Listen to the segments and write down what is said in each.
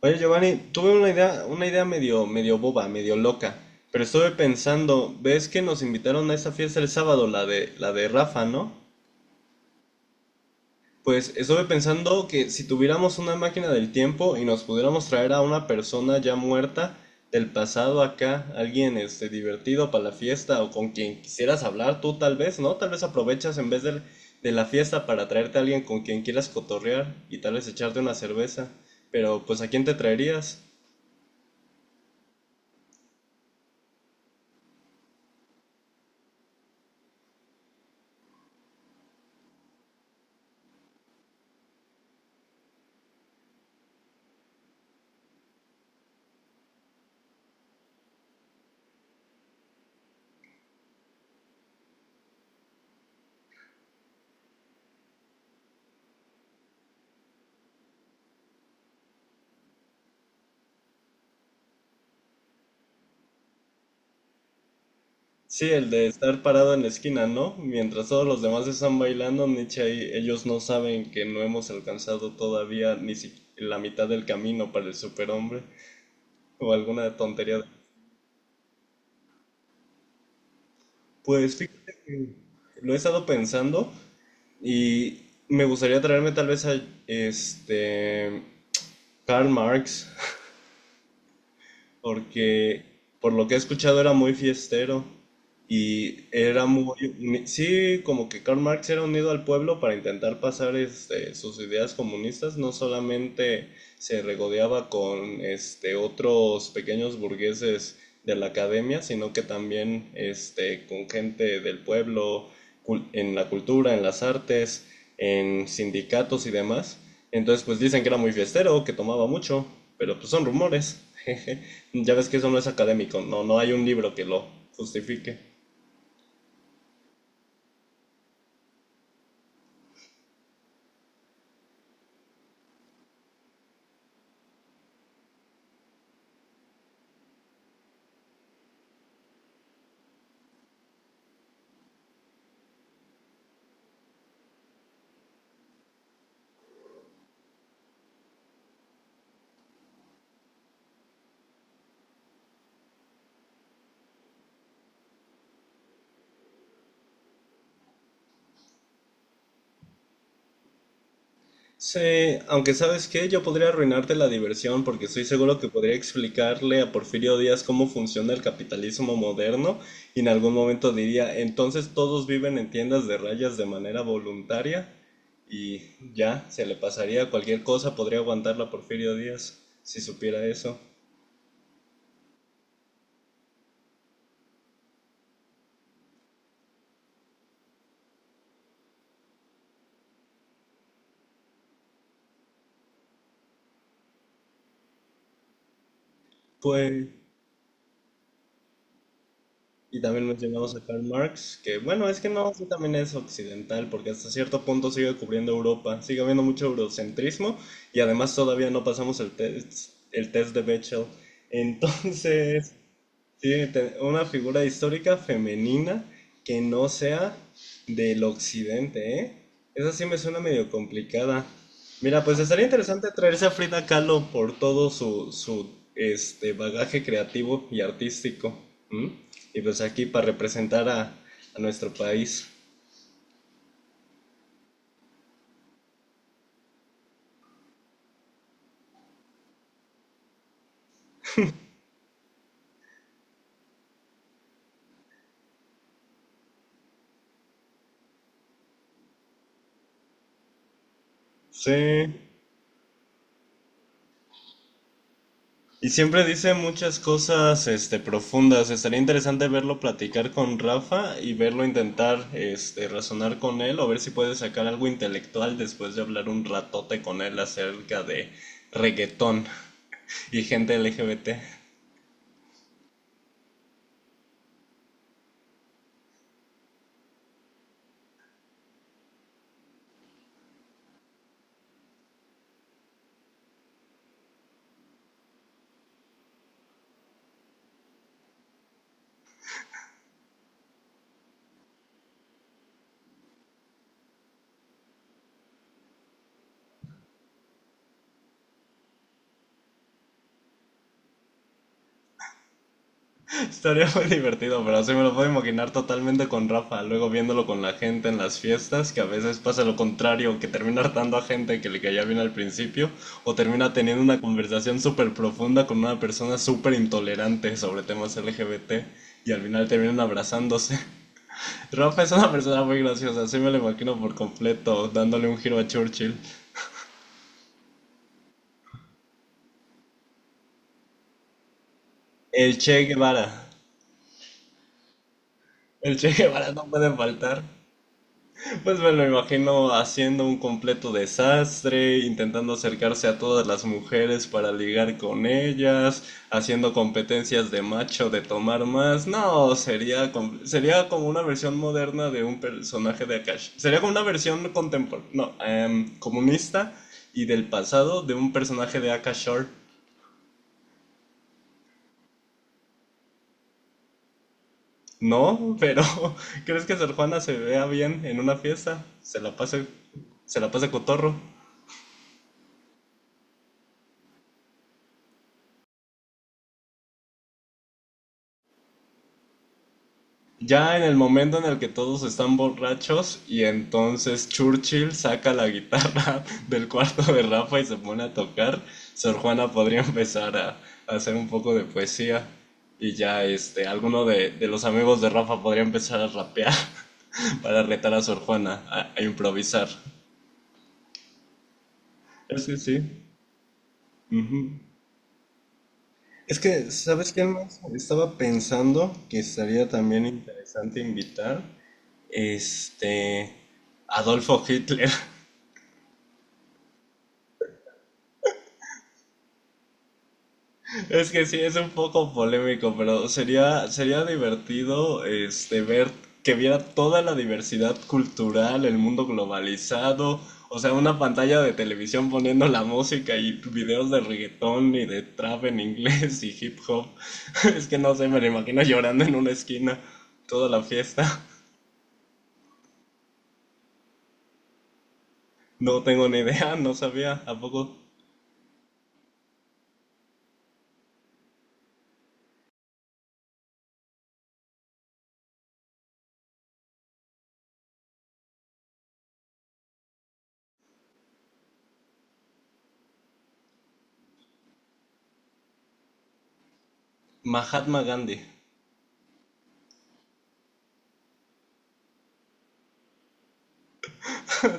Oye, Giovanni, tuve una idea medio boba, medio loca, pero estuve pensando, ves que nos invitaron a esa fiesta el sábado, la de Rafa, ¿no? Pues estuve pensando que si tuviéramos una máquina del tiempo y nos pudiéramos traer a una persona ya muerta del pasado acá, alguien divertido para la fiesta o con quien quisieras hablar tú tal vez, ¿no? Tal vez aprovechas de la fiesta para traerte a alguien con quien quieras cotorrear y tal vez echarte una cerveza, pero pues ¿a quién te traerías? Sí, el de estar parado en la esquina, ¿no? Mientras todos los demás están bailando, Nietzsche ahí, ellos no saben que no hemos alcanzado todavía ni si- la mitad del camino para el superhombre o alguna tontería. Pues fíjate que lo he estado pensando y me gustaría traerme tal vez a este Karl Marx porque por lo que he escuchado era muy fiestero y era sí, como que Karl Marx era unido al pueblo para intentar pasar sus ideas comunistas, no solamente se regodeaba con otros pequeños burgueses de la academia, sino que también con gente del pueblo, en la cultura, en las artes, en sindicatos y demás. Entonces, pues dicen que era muy fiestero, que tomaba mucho, pero pues son rumores. Ya ves que eso no es académico, no, no hay un libro que lo justifique. Sí, aunque sabes qué, yo podría arruinarte la diversión porque estoy seguro que podría explicarle a Porfirio Díaz cómo funciona el capitalismo moderno y en algún momento diría, entonces todos viven en tiendas de rayas de manera voluntaria y ya, se le pasaría cualquier cosa, podría aguantarla a Porfirio Díaz si supiera eso. Pues... Y también mencionamos a Karl Marx, que bueno, es que no, sí también es occidental, porque hasta cierto punto sigue cubriendo Europa, sigue habiendo mucho eurocentrismo y además todavía no pasamos el test de Bechdel. Entonces, una figura histórica femenina que no sea del occidente, ¿eh? Esa sí me suena medio complicada. Mira, pues estaría interesante traerse a Frida Kahlo por todo su bagaje creativo y artístico. ¿M? Y pues aquí para representar a nuestro país. Sí. Y siempre dice muchas cosas, profundas. Estaría interesante verlo platicar con Rafa y verlo intentar, razonar con él o ver si puede sacar algo intelectual después de hablar un ratote con él acerca de reggaetón y gente LGBT. Estaría muy divertido, pero así me lo puedo imaginar totalmente con Rafa, luego viéndolo con la gente en las fiestas, que a veces pasa lo contrario, que termina hartando a gente que le caía bien al principio, o termina teniendo una conversación súper profunda con una persona súper intolerante sobre temas LGBT, y al final terminan abrazándose. Rafa es una persona muy graciosa, así me lo imagino por completo, dándole un giro a Churchill. El Che Guevara. El Che Guevara no puede faltar. Pues me lo imagino haciendo un completo desastre, intentando acercarse a todas las mujeres para ligar con ellas, haciendo competencias de macho de tomar más. No, sería como una versión moderna de un personaje de Akash. Sería como una versión contemporánea, no, em, comunista y del pasado de un personaje de Akash Shore. No, pero ¿crees que Sor Juana se vea bien en una fiesta? Se la pasa cotorro. Ya en el momento en el que todos están borrachos y entonces Churchill saca la guitarra del cuarto de Rafa y se pone a tocar, Sor Juana podría empezar a hacer un poco de poesía y ya alguno de los amigos de Rafa podría empezar a rapear para retar a Sor Juana a improvisar. Sí, sí. Ujú. Es que, ¿sabes qué más? Estaba pensando que estaría también interesante invitar este Adolfo Hitler. Es que sí, es un poco polémico, pero sería divertido ver que viera toda la diversidad cultural, el mundo globalizado, o sea, una pantalla de televisión poniendo la música y videos de reggaetón y de trap en inglés y hip hop. Es que no sé, me lo imagino llorando en una esquina toda la fiesta. No tengo ni idea, no sabía. ¿A poco? Mahatma Gandhi.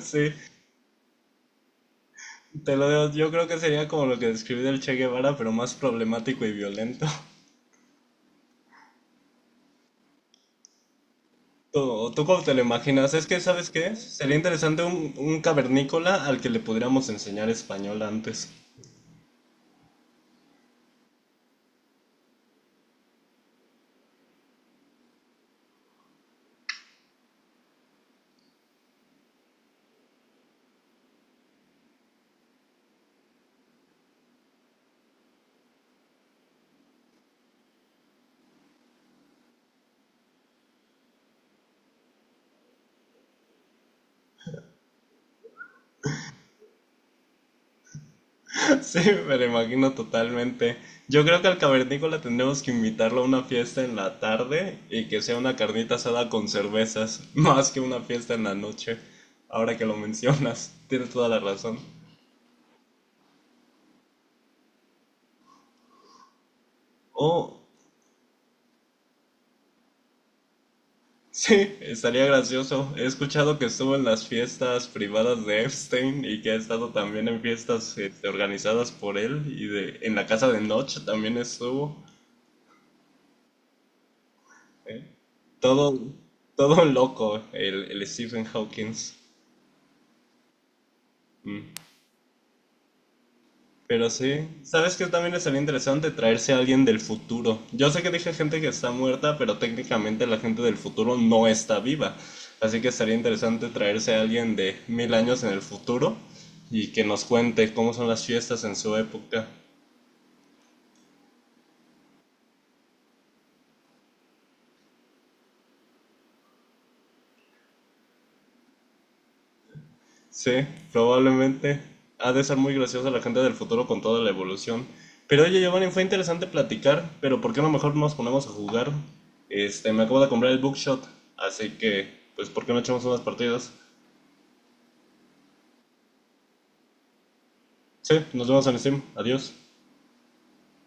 Sí. Te lo digo, yo creo que sería como lo que describí del Che Guevara, pero más problemático y violento. ¿Tú, o tú cómo te lo imaginas? Es que, ¿sabes qué? Sería interesante un cavernícola al que le podríamos enseñar español antes. Sí, me lo imagino totalmente. Yo creo que al cavernícola tendremos que invitarlo a una fiesta en la tarde y que sea una carnita asada con cervezas, más que una fiesta en la noche. Ahora que lo mencionas, tienes toda la razón. O sí, estaría gracioso. He escuchado que estuvo en las fiestas privadas de Epstein y que ha estado también en fiestas organizadas por él en la casa de Notch también estuvo. Eh. Todo, todo un loco, el Stephen Hawking. Mm. Pero sí, ¿sabes qué también sería interesante traerse a alguien del futuro? Yo sé que dije gente que está muerta, pero técnicamente la gente del futuro no está viva. Así que sería interesante traerse a alguien de 1000 años en el futuro y que nos cuente cómo son las fiestas en su época. Sí, probablemente ha de ser muy graciosa la gente del futuro con toda la evolución. Pero oye, Giovanni, fue interesante platicar, pero ¿por qué no mejor nos ponemos a jugar? Me acabo de comprar el Bookshot, así que, pues, ¿por qué no echamos unas partidas? Sí, nos vemos en Steam. Adiós.